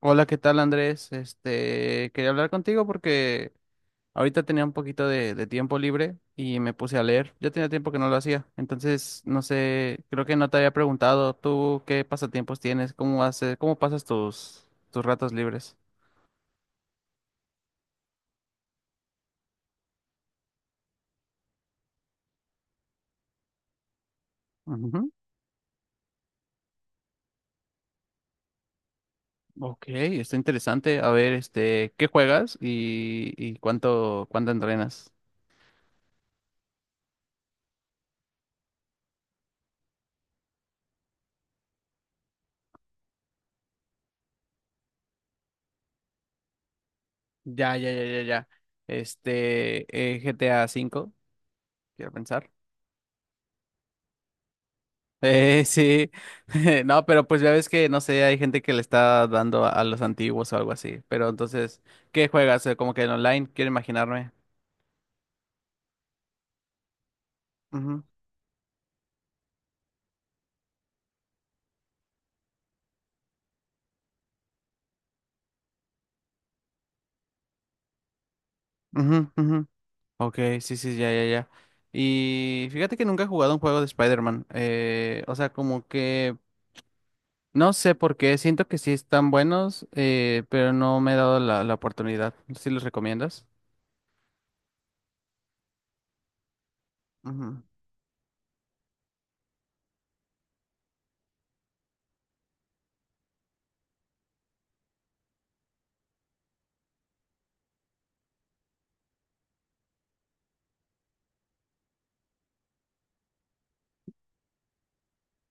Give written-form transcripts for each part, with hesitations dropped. Hola, ¿qué tal Andrés? Este, quería hablar contigo porque ahorita tenía un poquito de tiempo libre y me puse a leer. Yo tenía tiempo que no lo hacía, entonces no sé, creo que no te había preguntado tú qué pasatiempos tienes, cómo haces, cómo pasas tus ratos libres. Ujú. Ok, está interesante. A ver, este, ¿qué juegas y cuánto entrenas? Ya, ya, ya, ya, ya. Este, GTA 5, quiero pensar. Sí, no, pero pues ya ves que, no sé, hay gente que le está dando a los antiguos o algo así, pero entonces, ¿qué juegas? Como que en online, quiero imaginarme. Ujú, ujú, ujú. Ok, sí, sí, ya, ya, ya. Y fíjate que nunca he jugado un juego de Spider-Man, o sea, como que, no sé por qué, siento que sí están buenos, pero no me he dado la oportunidad. ¿Sí los recomiendas?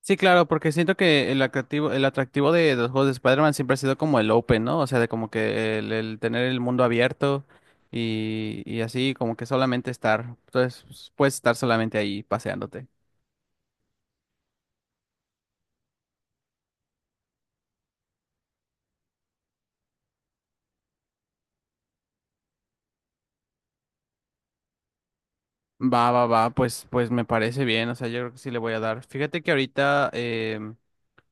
Sí, claro, porque siento que el atractivo de los juegos de Spider-Man siempre ha sido como el open, ¿no? O sea, de como que el tener el mundo abierto y así, como que solamente estar. Entonces, pues, puedes estar solamente ahí paseándote. Va, va, va, pues me parece bien, o sea, yo creo que sí le voy a dar. Fíjate que ahorita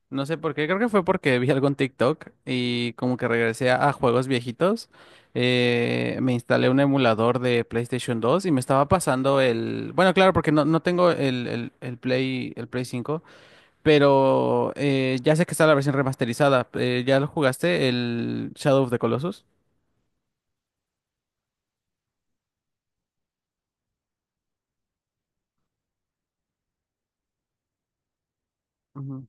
no sé por qué, creo que fue porque vi algo en TikTok y como que regresé a juegos viejitos. Me instalé un emulador de PlayStation 2 y me estaba pasando el. Bueno, claro, porque no tengo el Play 5, pero ya sé que está la versión remasterizada. ¿Ya lo jugaste? El Shadow of the Colossus. Ujú.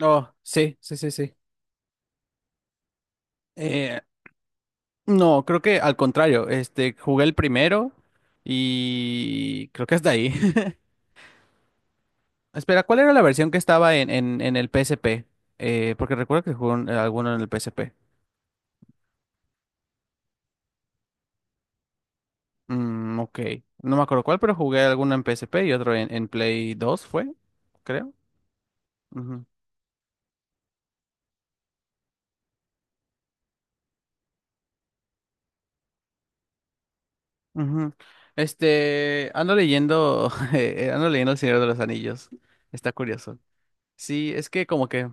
Oh, sí, sí, sí, sí. Eh, no, creo que al contrario, este, jugué el primero y creo que hasta ahí. Espera, ¿cuál era la versión que estaba en, en el PSP? Porque recuerdo que jugué alguno en el PSP. Mm, ok. No me acuerdo cuál, pero jugué alguno en PSP y otro en Play 2, ¿fue? Creo. Ujú, ujú. Este, ando leyendo, ando leyendo El Señor de los Anillos. Está curioso. Sí, es que como que.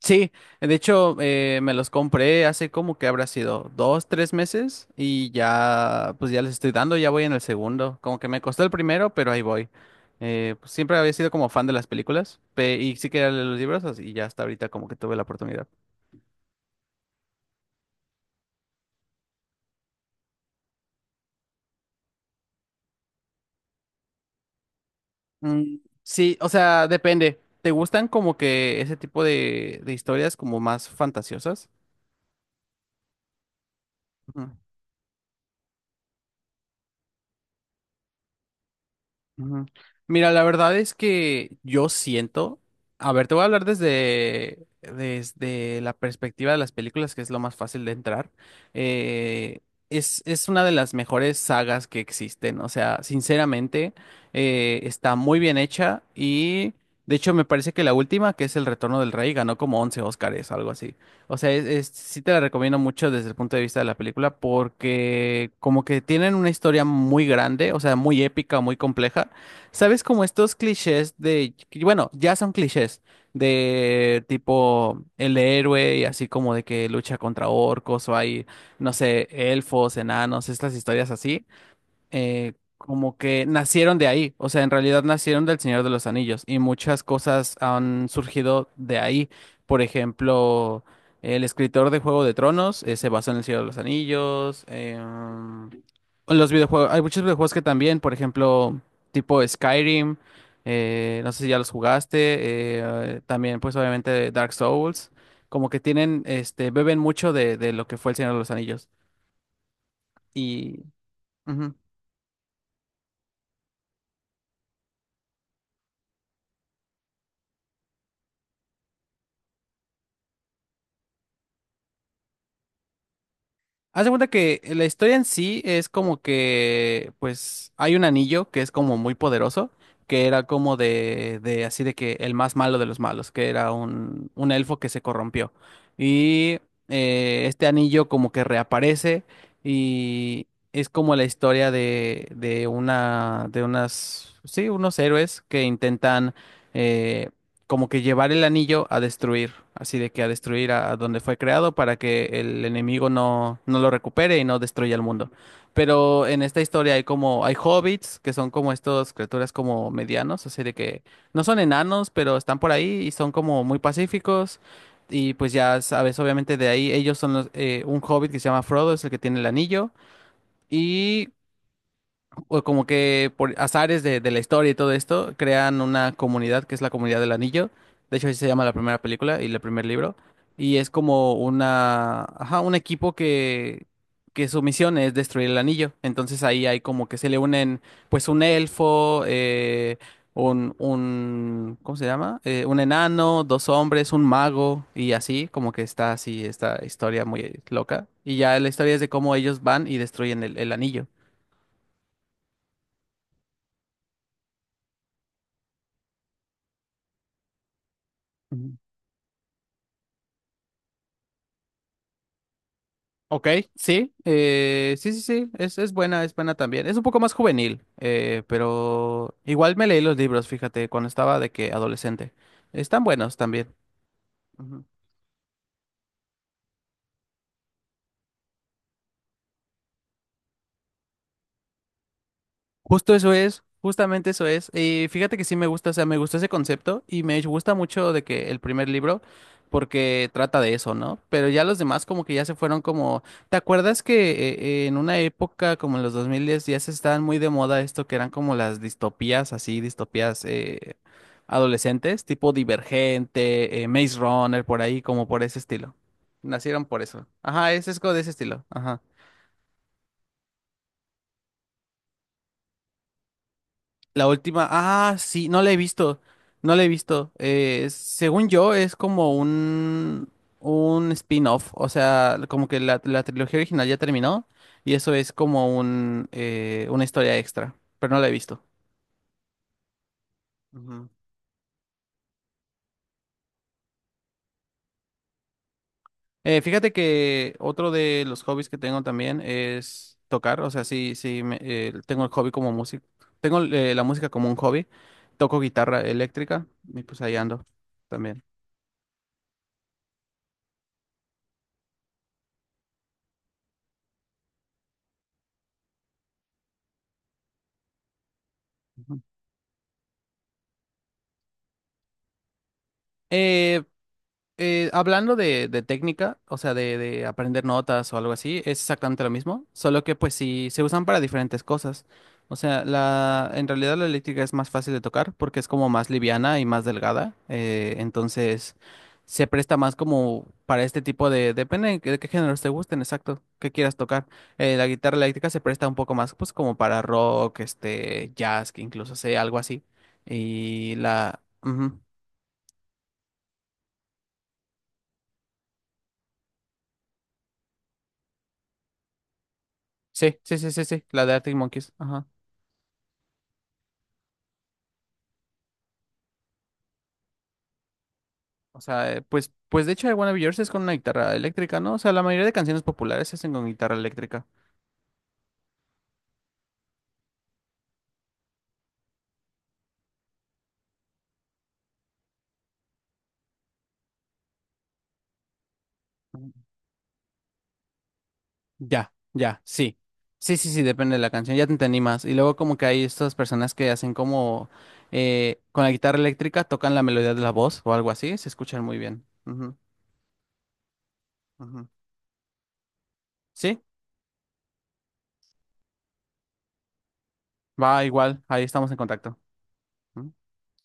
Sí, de hecho me los compré hace como que habrá sido dos, tres meses y ya pues ya les estoy dando, ya voy en el segundo, como que me costó el primero, pero ahí voy. Pues, siempre había sido como fan de las películas y sí quería leer los libros y ya hasta ahorita como que tuve la oportunidad. Mm, sí, o sea, depende. ¿Te gustan como que ese tipo de historias como más fantasiosas? Ujú. Mira, la verdad es que yo siento, a ver, te voy a hablar desde la perspectiva de las películas, que es lo más fácil de entrar. Eh, es una de las mejores sagas que existen, o sea, sinceramente, está muy bien hecha y, de hecho, me parece que la última, que es El Retorno del Rey, ganó como 11 Óscares, algo así. O sea, sí te la recomiendo mucho desde el punto de vista de la película porque como que tienen una historia muy grande, o sea, muy épica, muy compleja. ¿Sabes? Como estos clichés de, que, bueno, ya son clichés de tipo el héroe y así como de que lucha contra orcos o hay, no sé, elfos, enanos, estas historias así como que nacieron de ahí, o sea, en realidad nacieron del Señor de los Anillos y muchas cosas han surgido de ahí. Por ejemplo, el escritor de Juego de Tronos se basó en el Señor de los Anillos. Los videojuegos, hay muchos videojuegos que también, por ejemplo, tipo Skyrim, no sé si ya los jugaste, también pues obviamente Dark Souls, como que tienen, este, beben mucho de lo que fue el Señor de los Anillos. Y. Ujú. Haz de cuenta que la historia en sí es como que, pues, hay un anillo que es como muy poderoso, que era como de así de que el más malo de los malos, que era un elfo que se corrompió. Y este anillo como que reaparece y es como la historia de una, de unas, sí, unos héroes que intentan, eh, como que llevar el anillo a destruir, así de que a destruir a donde fue creado para que el enemigo no lo recupere y no destruya el mundo. Pero en esta historia hay hobbits, que son como estos criaturas como medianos, así de que no son enanos, pero están por ahí y son como muy pacíficos. Y pues ya sabes, obviamente de ahí ellos son los, un hobbit que se llama Frodo, es el que tiene el anillo. Y o como que por azares de la historia y todo esto, crean una comunidad que es la Comunidad del Anillo. De hecho, así se llama la primera película y el primer libro. Y es como una, ajá, un equipo que su misión es destruir el anillo. Entonces ahí hay como que se le unen, pues, un elfo, un, ¿cómo se llama? Un enano, dos hombres, un mago y así, como que está así esta historia muy loca. Y ya la historia es de cómo ellos van y destruyen el anillo. Ujú. Ok, sí, sí, sí, sí, es buena, es buena también. Es un poco más juvenil, pero igual me leí los libros, fíjate, cuando estaba de que adolescente. Están buenos también. Justo eso es, justamente eso es. Y fíjate que sí me gusta, o sea, me gustó ese concepto y me gusta mucho de que el primer libro, porque trata de eso, ¿no? Pero ya los demás como que ya se fueron como, ¿te acuerdas que en una época como en los 2010 ya se estaban muy de moda esto que eran como las distopías, así, distopías adolescentes, tipo Divergente, Maze Runner, por ahí, como por ese estilo. Nacieron por eso. Ajá, ese es como de ese estilo. Ajá. La última, ah, sí, no la he visto, no la he visto. Según yo, es como un spin-off, o sea, como que la trilogía original ya terminó y eso es como una historia extra, pero no la he visto. Ujú. Fíjate que otro de los hobbies que tengo también es tocar, o sea, sí, sí, tengo el hobby como música. Tengo la música como un hobby, toco guitarra eléctrica y pues ahí ando también. Ujú. Hablando de técnica, o sea, de aprender notas o algo así, es exactamente lo mismo, solo que pues sí se usan para diferentes cosas. O sea, en realidad la eléctrica es más fácil de tocar porque es como más liviana y más delgada, entonces se presta más como para este tipo de, depende de qué géneros te gusten, exacto, qué quieras tocar. La guitarra eléctrica se presta un poco más pues como para rock, este, jazz, que incluso sé, algo así. Y la. Ujú. Sí, sí, sí, sí, sí, la de Arctic Monkeys, ajá. O sea, pues, de hecho I Wanna Be Yours es con una guitarra eléctrica, ¿no? O sea, la mayoría de canciones populares se hacen con guitarra eléctrica. Ujú. Ya, ya, sí. Sí, sí, sí, depende de la canción, ya te entendí más. Y luego como que hay estas personas que hacen como con la guitarra eléctrica tocan la melodía de la voz o algo así, se escuchan muy bien. Ujú, ujú. Sí, va igual, ahí estamos en contacto. Ujú.